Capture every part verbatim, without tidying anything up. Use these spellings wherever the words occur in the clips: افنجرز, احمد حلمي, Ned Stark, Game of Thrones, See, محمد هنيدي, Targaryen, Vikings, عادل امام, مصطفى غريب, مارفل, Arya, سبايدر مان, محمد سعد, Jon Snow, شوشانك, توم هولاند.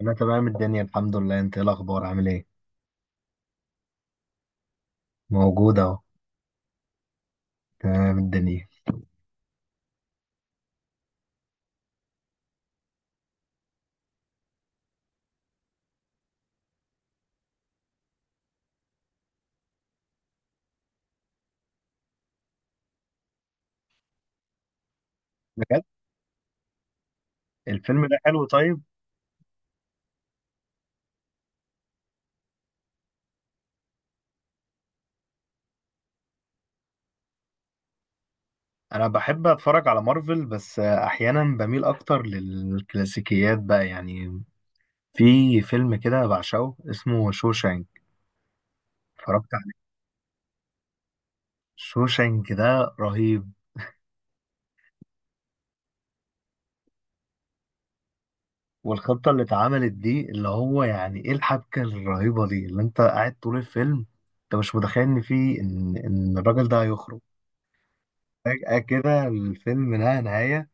انا تمام الدنيا الحمد لله. انت ايه الاخبار، عامل ايه؟ موجود اهو. تمام الدنيا. بجد؟ الفيلم ده حلو طيب. انا بحب اتفرج على مارفل، بس احيانا بميل اكتر للكلاسيكيات بقى يعني. في فيلم كده بعشقه اسمه شوشانك. اتفرجت عليه. شوشانك ده رهيب. والخطة اللي اتعملت دي، اللي هو يعني ايه الحبكة الرهيبة دي اللي انت قاعد طول الفيلم. انت مش متخيل ان في ان ان الراجل ده هيخرج فجأة كده. الفيلم نهى نهاية.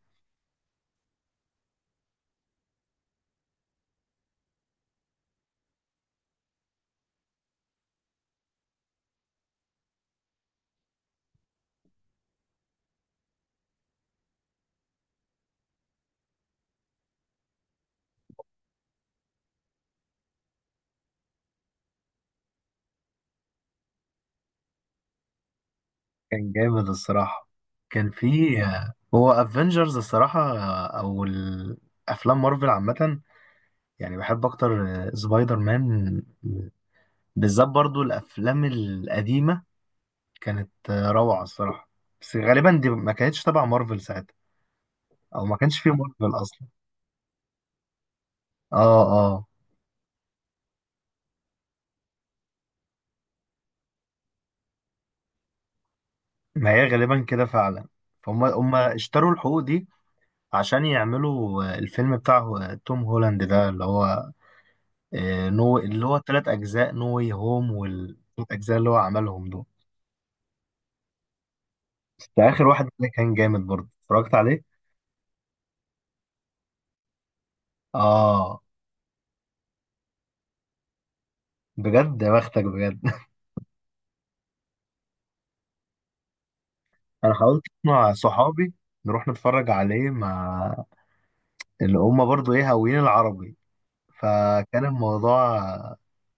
كان جامد الصراحة. كان في. هو افنجرز الصراحة، او الافلام مارفل عامة، يعني بحب اكتر سبايدر مان بالذات. برضو الافلام القديمة كانت روعة الصراحة. بس غالبا دي ما كانتش تبع مارفل ساعتها، او ما كانش فيه مارفل اصلا. اه، اه. ما هي غالبا كده فعلا. فهم هم اشتروا الحقوق دي عشان يعملوا الفيلم بتاع توم هولاند ده، اللي هو آه، نو، اللي هو التلات أجزاء نو واي هوم، والتلات أجزاء اللي هو عملهم دول. بس آخر واحد ده كان جامد برضه، اتفرجت عليه. آه، بجد؟ يا بختك بجد. أنا حاولت مع صحابي نروح نتفرج عليه مع اللي هما برضه إيه هاويين العربي. فكان الموضوع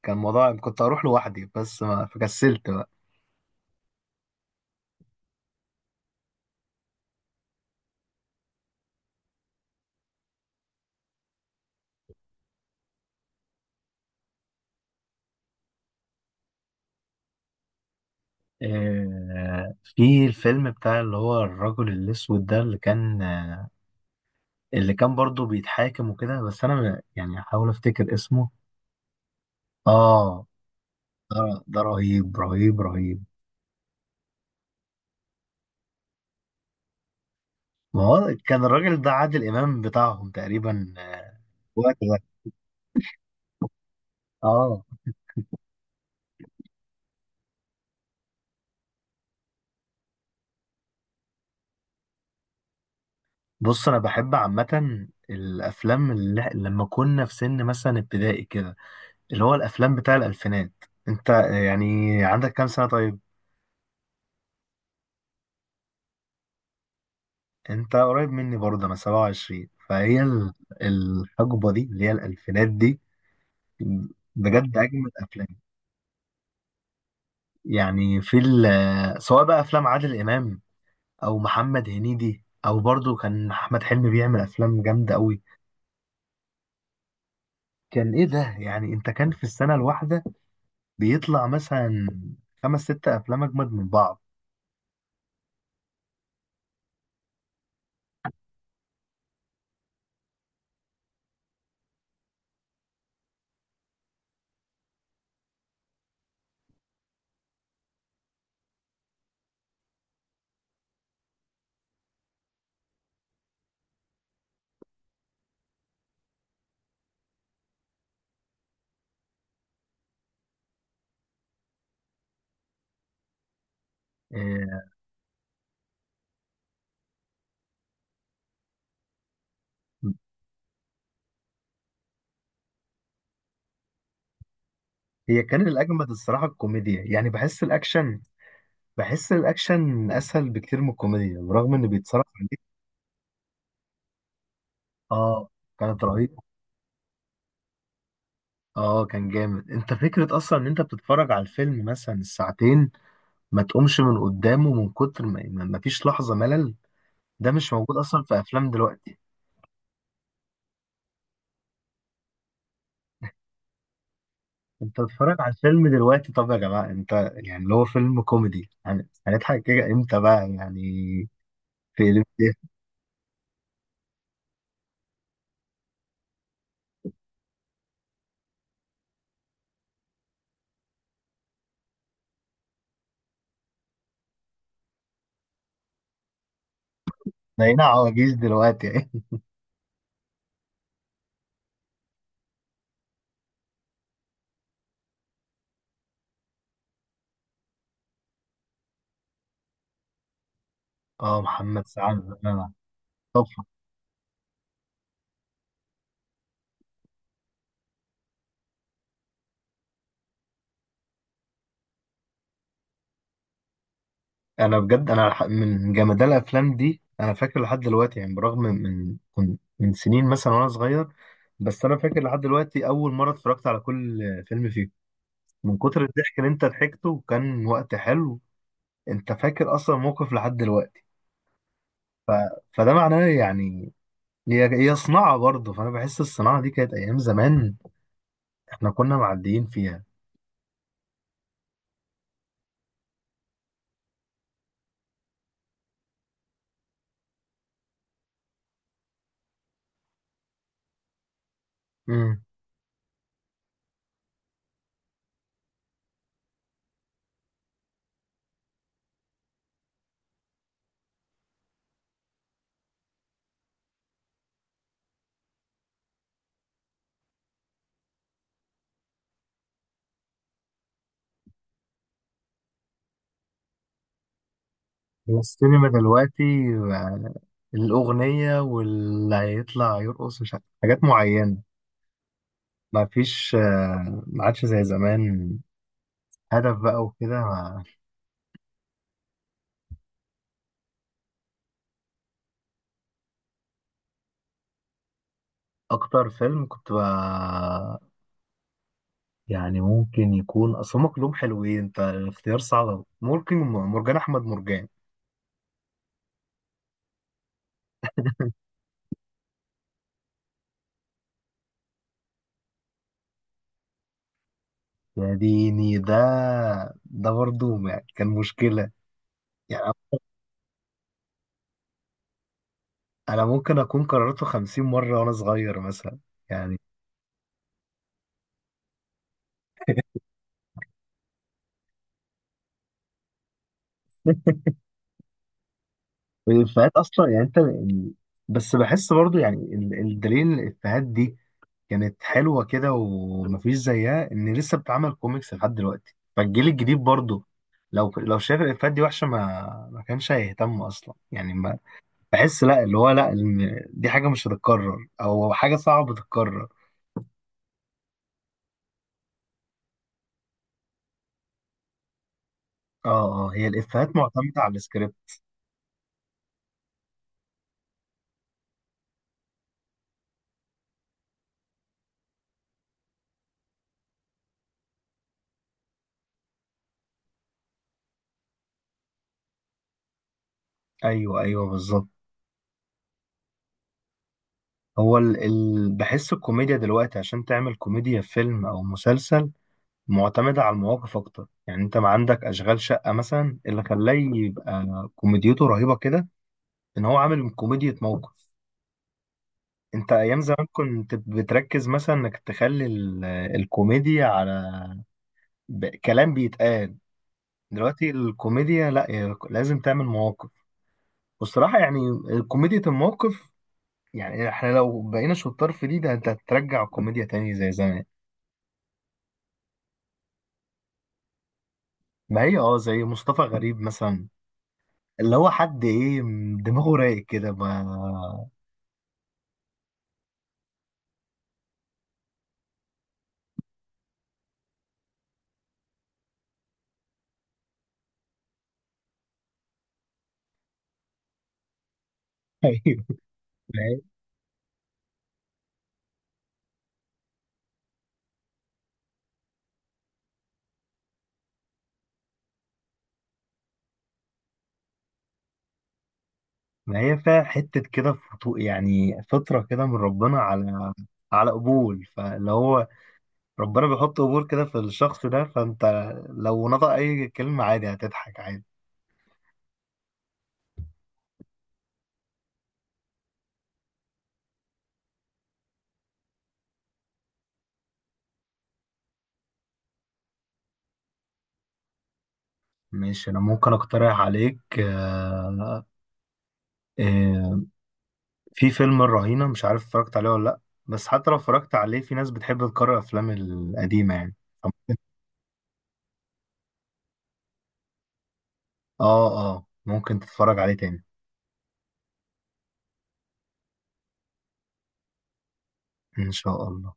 كان الموضوع كنت أروح لوحدي، بس ما فكسلت بقى. آه، في الفيلم بتاع اللي هو الرجل الأسود ده، اللي كان اللي كان برضه بيتحاكم وكده، بس أنا يعني أحاول أفتكر اسمه. اه، ده. ده رهيب رهيب رهيب. ما هو كان الراجل ده عادل امام بتاعهم تقريبا آه، الوقت ده. اه، بص انا بحب عامه الافلام اللي لما كنا في سن مثلا ابتدائي كده، اللي هو الافلام بتاع الالفينات. انت آه، يعني عندك كام سنه طيب؟ انت قريب مني برضه، انا سبع وعشرين، فهي ال- الحقبه دي اللي هي الالفينات دي بجد اجمل افلام. يعني في ال- آه، سواء بقى افلام عادل امام او محمد هنيدي، او برضو كان احمد حلمي بيعمل افلام جامده قوي. كان ايه ده يعني، انت كان في السنه الواحده بيطلع مثلا خمس ست افلام اجمد من بعض. إيه، هي كان الاجمد الصراحه الكوميديا يعني. بحس الاكشن بحس الاكشن اسهل بكتير من الكوميديا برغم ان بيتصرف عليه. اه، كانت رهيبه. اه، كان جامد. انت فكره اصلا ان انت بتتفرج على الفيلم مثلا الساعتين ما تقومش من قدامه، من كتر ما ما ما فيش لحظه ملل. ده مش موجود اصلا في افلام دلوقتي. انت بتتفرج على الفيلم دلوقتي، طب يا جماعه انت يعني اللي هو فيلم كوميدي، هن- هنضحك كده امتى بقى يعني؟ في قلب ايه. بقينا عواجيز دلوقتي يعني. اه، محمد سعد انا. طب انا بجد، انا الح- من جمدان الافلام دي انا فاكر لحد دلوقتي، يعني برغم من من من سنين مثلا وانا صغير، بس انا فاكر لحد دلوقتي اول مره اتفرجت على كل فيلم فيه، من كتر الضحك اللي انت ضحكته وكان وقت حلو. انت فاكر اصلا موقف لحد دلوقتي. ف... فده معناه يعني. هي هي صناعة برضه، فأنا بحس الصناعة دي كانت أيام زمان إحنا كنا معديين فيها. امم السينما دلوقتي بقى الأغنية، واللي هيطلع يرقص مش عارف حاجات معينة. ما فيش، آه، ما عادش زي زمان هدف بقى وكده ما- أكتر فيلم كنت بقى، يعني ممكن يكون أصل هما كلهم حلوين، أنت الاختيار صعب أوي. ممكن مرجان أحمد مرجان. يا ديني ده. ده برضه يعني كان مشكلة. يعني انا ممكن اكون كررته خمسين مره وانا صغير مثلا يعني. الافيهات اصلا، يعني انت ال- بس بحس برضو يعني ال- الدليل إن الافيهات دي كانت حلوه كده ومفيش زيها، ان لسه بتعمل كوميكس لحد دلوقتي فالجيل الجديد برضو. لو لو شايف الافيهات دي وحشه، ما ما كانش هيهتم اصلا، يعني ما بحس لا، اللي هو لا إن دي حاجه مش هتتكرر او حاجه صعبه تتكرر. اه، اه، هي الافيهات معتمده على السكريبت. ايوه، ايوه، بالظبط. هو ال... ال... بحس الكوميديا دلوقتي، عشان تعمل كوميديا في فيلم او مسلسل معتمدة على المواقف اكتر. يعني انت ما عندك اشغال شقة مثلا، اللي خلاه يبقى كوميديته رهيبة كده ان هو عامل كوميديا موقف. انت ايام زمان كنت بتركز مثلا انك تخلي ال... الكوميديا على ب... كلام بيتقال. دلوقتي الكوميديا لا، هي لازم تعمل مواقف. والصراحة يعني كوميديا الموقف، يعني احنا لو بقينا شطار في دي ده انت هترجع الكوميديا تاني زي زمان. ما هي اه، زي مصطفى غريب مثلا، اللي هو حد ايه م- دماغه رايق كده ما. ايوه، ما هي ما هي فيها حتة كده فتو- يعني فطرة كده من ربنا على على قبول، فاللي هو ربنا بيحط قبول كده في الشخص ده، فانت لو نطق اي كلمة عادي هتضحك عادي. ماشي، انا ممكن اقترح عليك آه، آه، في فيلم الرهينة، مش عارف اتفرجت عليه ولا لا، بس حتى لو اتفرجت عليه في ناس بتحب تكرر افلام القديمة يعني. اه، اه، ممكن تتفرج عليه تاني ان شاء الله.